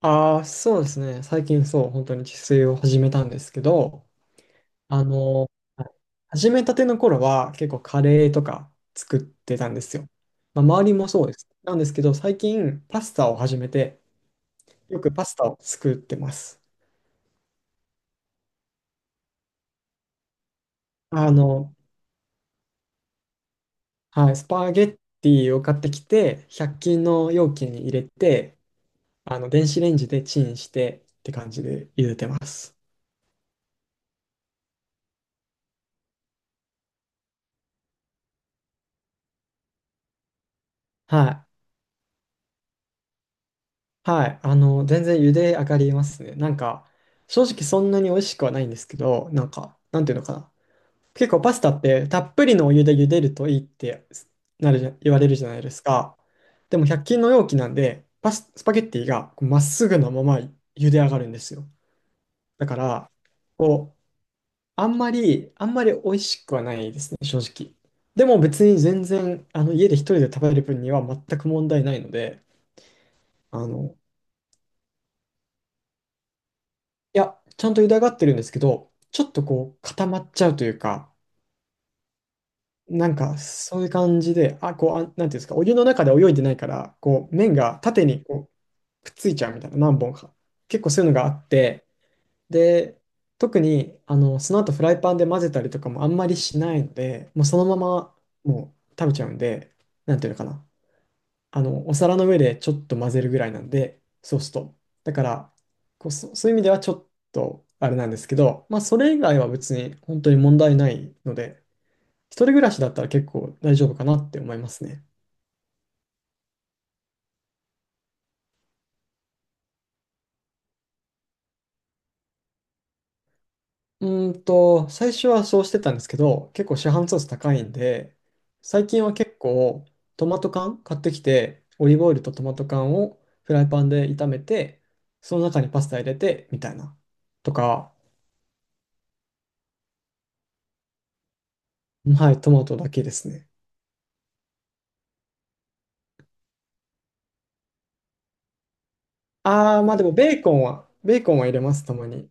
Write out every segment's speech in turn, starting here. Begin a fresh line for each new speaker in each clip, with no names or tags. ああ、そうですね。最近そう、本当に自炊を始めたんですけど、あの、はい始めたての頃は結構カレーとか作ってたんですよ。まあ、周りもそうです。なんですけど、最近パスタを始めて、よくパスタを作ってます。あの、はい、スパゲッティを買ってきて、100均の容器に入れて、電子レンジでチンしてって感じで茹でてます。はい。はい、全然茹で上がりますね。正直そんなに美味しくはないんですけど、なんか、なんていうのかな。結構パスタってたっぷりのお湯で茹でるといいってなるじゃ、言われるじゃないですか。でも100均の容器なんで、スパゲッティがこうまっすぐのまま茹で上がるんですよ。だから、こう、あんまり美味しくはないですね、正直。でも別に全然、あの、家で一人で食べる分には全く問題ないので、あの、いや、ちゃんと茹で上がってるんですけど、ちょっとこう固まっちゃうというか、なんかそういう感じで、あ、こう、あ、なんていうんですか、お湯の中で泳いでないから、こう、麺が縦にこうくっついちゃうみたいな、何本か。結構そういうのがあって、で、特に、あの、その後フライパンで混ぜたりとかもあんまりしないので、そのまま食べちゃうんで、なんていうのかな、あの、お皿の上でちょっと混ぜるぐらいなんで、ソースと。だから、こう、そういう意味ではちょっとあれなんですけど、まあ、それ以外は別に本当に問題ないので、一人暮らしだったら結構大丈夫かなって思いますね。うーんと、最初はそうしてたんですけど、結構市販ソース高いんで、最近は結構トマト缶買ってきて、オリーブオイルとトマト缶をフライパンで炒めて、その中にパスタ入れて、みたいな。とか、はい、トマトだけですね。ああ、まあでもベーコンは入れます、たまに。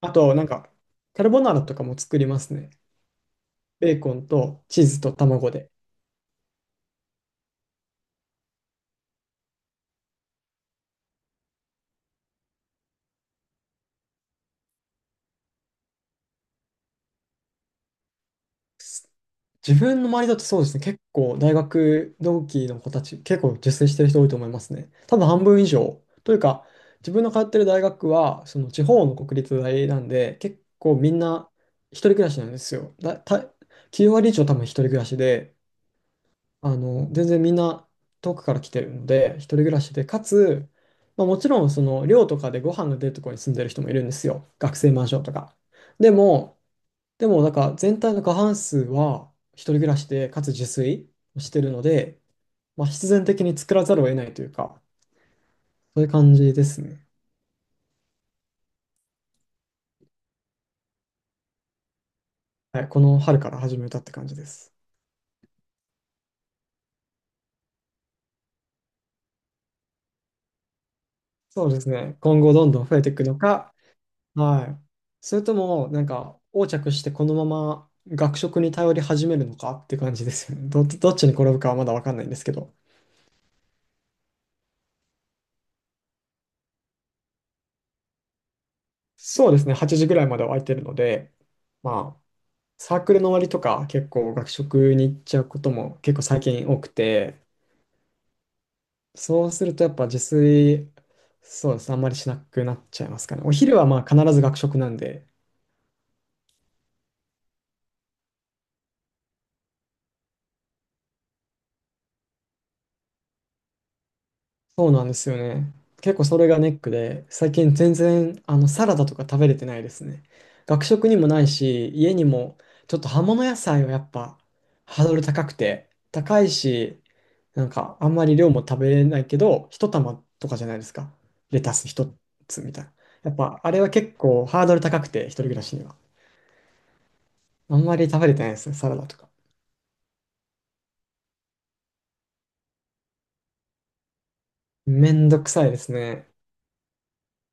あと、なんか、カルボナーラとかも作りますね。ベーコンとチーズと卵で。自分の周りだとそうですね、結構大学同期の子たち、結構自炊してる人多いと思いますね。多分半分以上。というか、自分の通ってる大学は、その地方の国立大なんで、結構みんな一人暮らしなんですよ。9割以上多分一人暮らしで、あの、全然みんな遠くから来てるので、一人暮らしで、かつ、まあ、もちろんその寮とかでご飯が出るところに住んでる人もいるんですよ。学生マンションとか。でも、でもなんか全体の過半数は一人暮らしで、かつ自炊をしてるので、まあ、必然的に作らざるを得ないというか、そういう感じですね。はい、この春から始めたって感じです。そうですね。今後どんどん増えていくのか、はい。それとも、なんか、横着してこのまま学食に頼り始めるのかって感じですよね。どっちに転ぶかはまだわかんないんですけど。そうですね、8時ぐらいまでは空いてるので、まあ、サークルの終わりとか結構学食に行っちゃうことも結構最近多くて、そうするとやっぱ自炊、そうですね、あんまりしなくなっちゃいますかね。お昼はまあ必ず学食なんで、そうなんですよね。結構それがネックで、最近全然あのサラダとか食べれてないですね。学食にもないし、家にもちょっと葉物野菜はやっぱハードル高くて、高いし、なんかあんまり量も食べれないけど、一玉とかじゃないですか。レタス一つみたいな。やっぱあれは結構ハードル高くて、一人暮らしには。あんまり食べれてないですね、サラダとか。めんどくさいですね。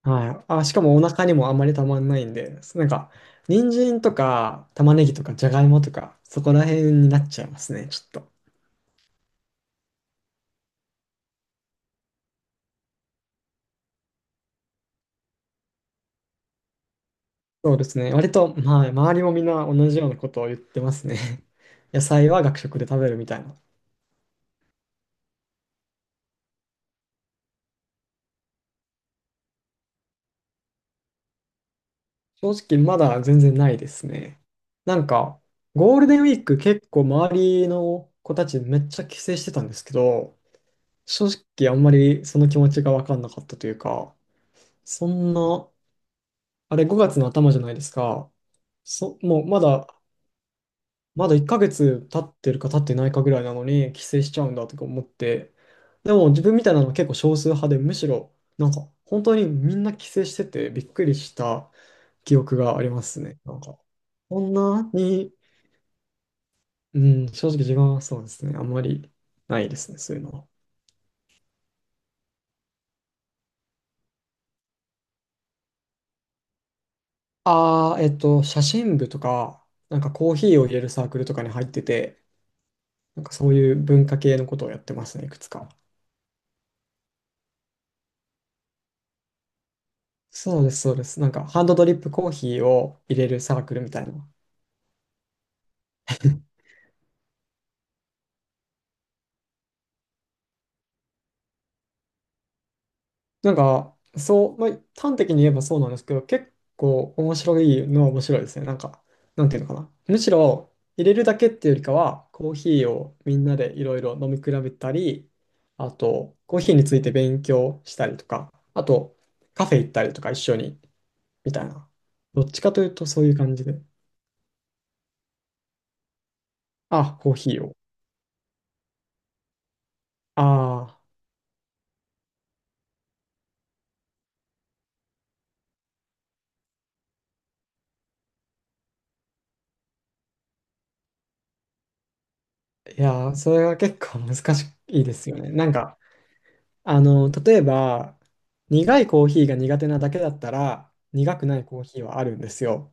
はい。あ、しかもお腹にもあんまりたまんないんで、なんか、人参とか玉ねぎとかじゃがいもとか、そこら辺になっちゃいますね、ちょっと。そうですね。割と、はい、周りもみんな同じようなことを言ってますね。野菜は学食で食べるみたいな。正直、まだ全然ないですね。なんか、ゴールデンウィーク結構周りの子たちめっちゃ帰省してたんですけど、正直あんまりその気持ちがわかんなかったというか、そんなあれ5月の頭じゃないですか。そ、もうまだ、まだ1ヶ月経ってるか経ってないかぐらいなのに帰省しちゃうんだとか思って。でも自分みたいなのは結構少数派で、むしろなんか本当にみんな帰省しててびっくりした記憶がありますね。なんか、こんなに、うん、正直自分はそうですね。あんまりないですね、そういうのは。ああ、えっと、写真部とか、なんかコーヒーを入れるサークルとかに入ってて、なんかそういう文化系のことをやってますね、いくつか。そうです、そうです。なんか、ハンドドリップコーヒーを入れるサークルみたいな。なんか、そう、まあ、端的に言えばそうなんですけど、結構面白いのは面白いですね。なんか、なんていうのかな。むしろ、入れるだけっていうよりかは、コーヒーをみんなでいろいろ飲み比べたり、あと、コーヒーについて勉強したりとか、あと、カフェ行ったりとか一緒に、みたいな。どっちかというとそういう感じで、あ、コーヒーを。ああ、いやー、それが結構難しいですよね。なんか、あの、例えば、苦いコーヒーが苦手なだけだったら、苦くないコーヒーはあるんですよ。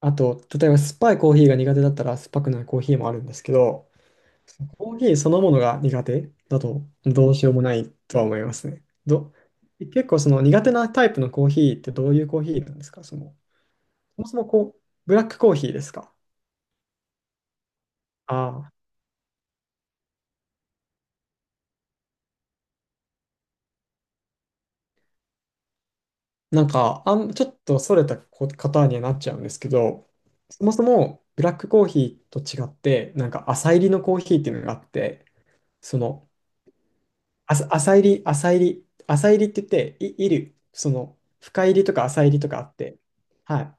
あと、例えば酸っぱいコーヒーが苦手だったら、酸っぱくないコーヒーもあるんですけど、コーヒーそのものが苦手だと、どうしようもないとは思いますね。結構その苦手なタイプのコーヒーってどういうコーヒーなんですか？その、そもそもこう、ブラックコーヒーですか？ああー、なんか、あん、ちょっとそれたこ方にはなっちゃうんですけど、そもそもブラックコーヒーと違って、なんか浅入りのコーヒーっていうのがあって、その、あさ浅入り、浅入り、浅入りって言って、い、いる、その、深入りとか浅入りとかあって、はい。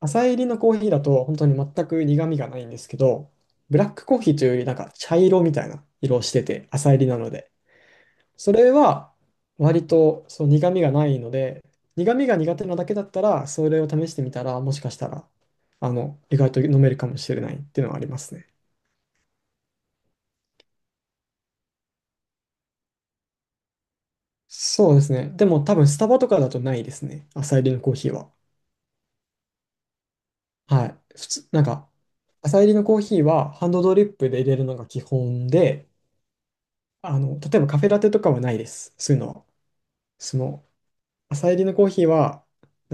浅入りのコーヒーだと本当に全く苦味がないんですけど、ブラックコーヒーというよりなんか茶色みたいな色をしてて、浅入りなので。それは割とそう苦味がないので、苦味が苦手なだけだったら、それを試してみたら、もしかしたら、あの、意外と飲めるかもしれないっていうのはありますね。そうですね。でも多分スタバとかだとないですね。朝入りのコーヒーは。はい。普通、なんか、朝入りのコーヒーはハンドドリップで入れるのが基本で、あの、例えばカフェラテとかはないです。そういうのは。その、朝入りのコーヒーは、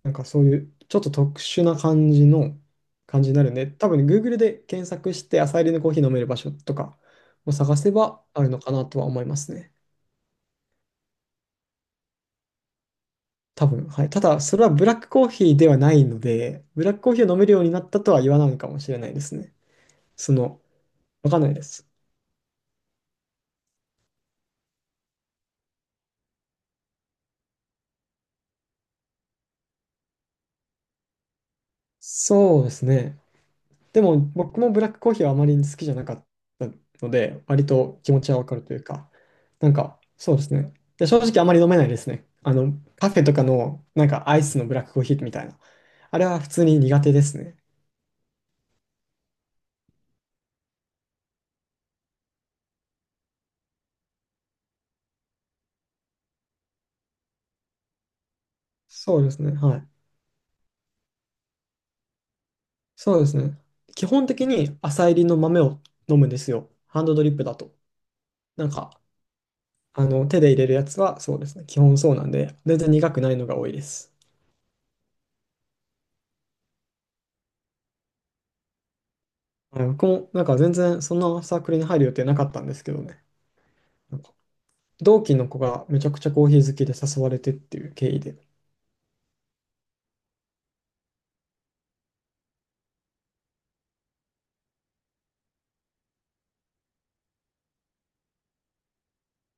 なんかそういうちょっと特殊な感じの感じになるんで、多分ね Google で検索して朝入りのコーヒー飲める場所とかを探せばあるのかなとは思いますね。多分、はい。ただ、それはブラックコーヒーではないので、ブラックコーヒーを飲めるようになったとは言わないのかもしれないですね。その、わかんないです。そうですね。でも僕もブラックコーヒーはあまり好きじゃなかったので、割と気持ちはわかるというか、なんかそうですね。で、正直あまり飲めないですね。あの、カフェとかのなんかアイスのブラックコーヒーみたいな。あれは普通に苦手ですね。そうですね。はい。そうですね。基本的に浅入りの豆を飲むんですよ。ハンドドリップだと。なんか、あの、手で入れるやつはそうですね。基本そうなんで、全然苦くないのが多いです。はい僕もなんか全然そんなサークルに入る予定なかったんですけどね。同期の子がめちゃくちゃコーヒー好きで誘われてっていう経緯で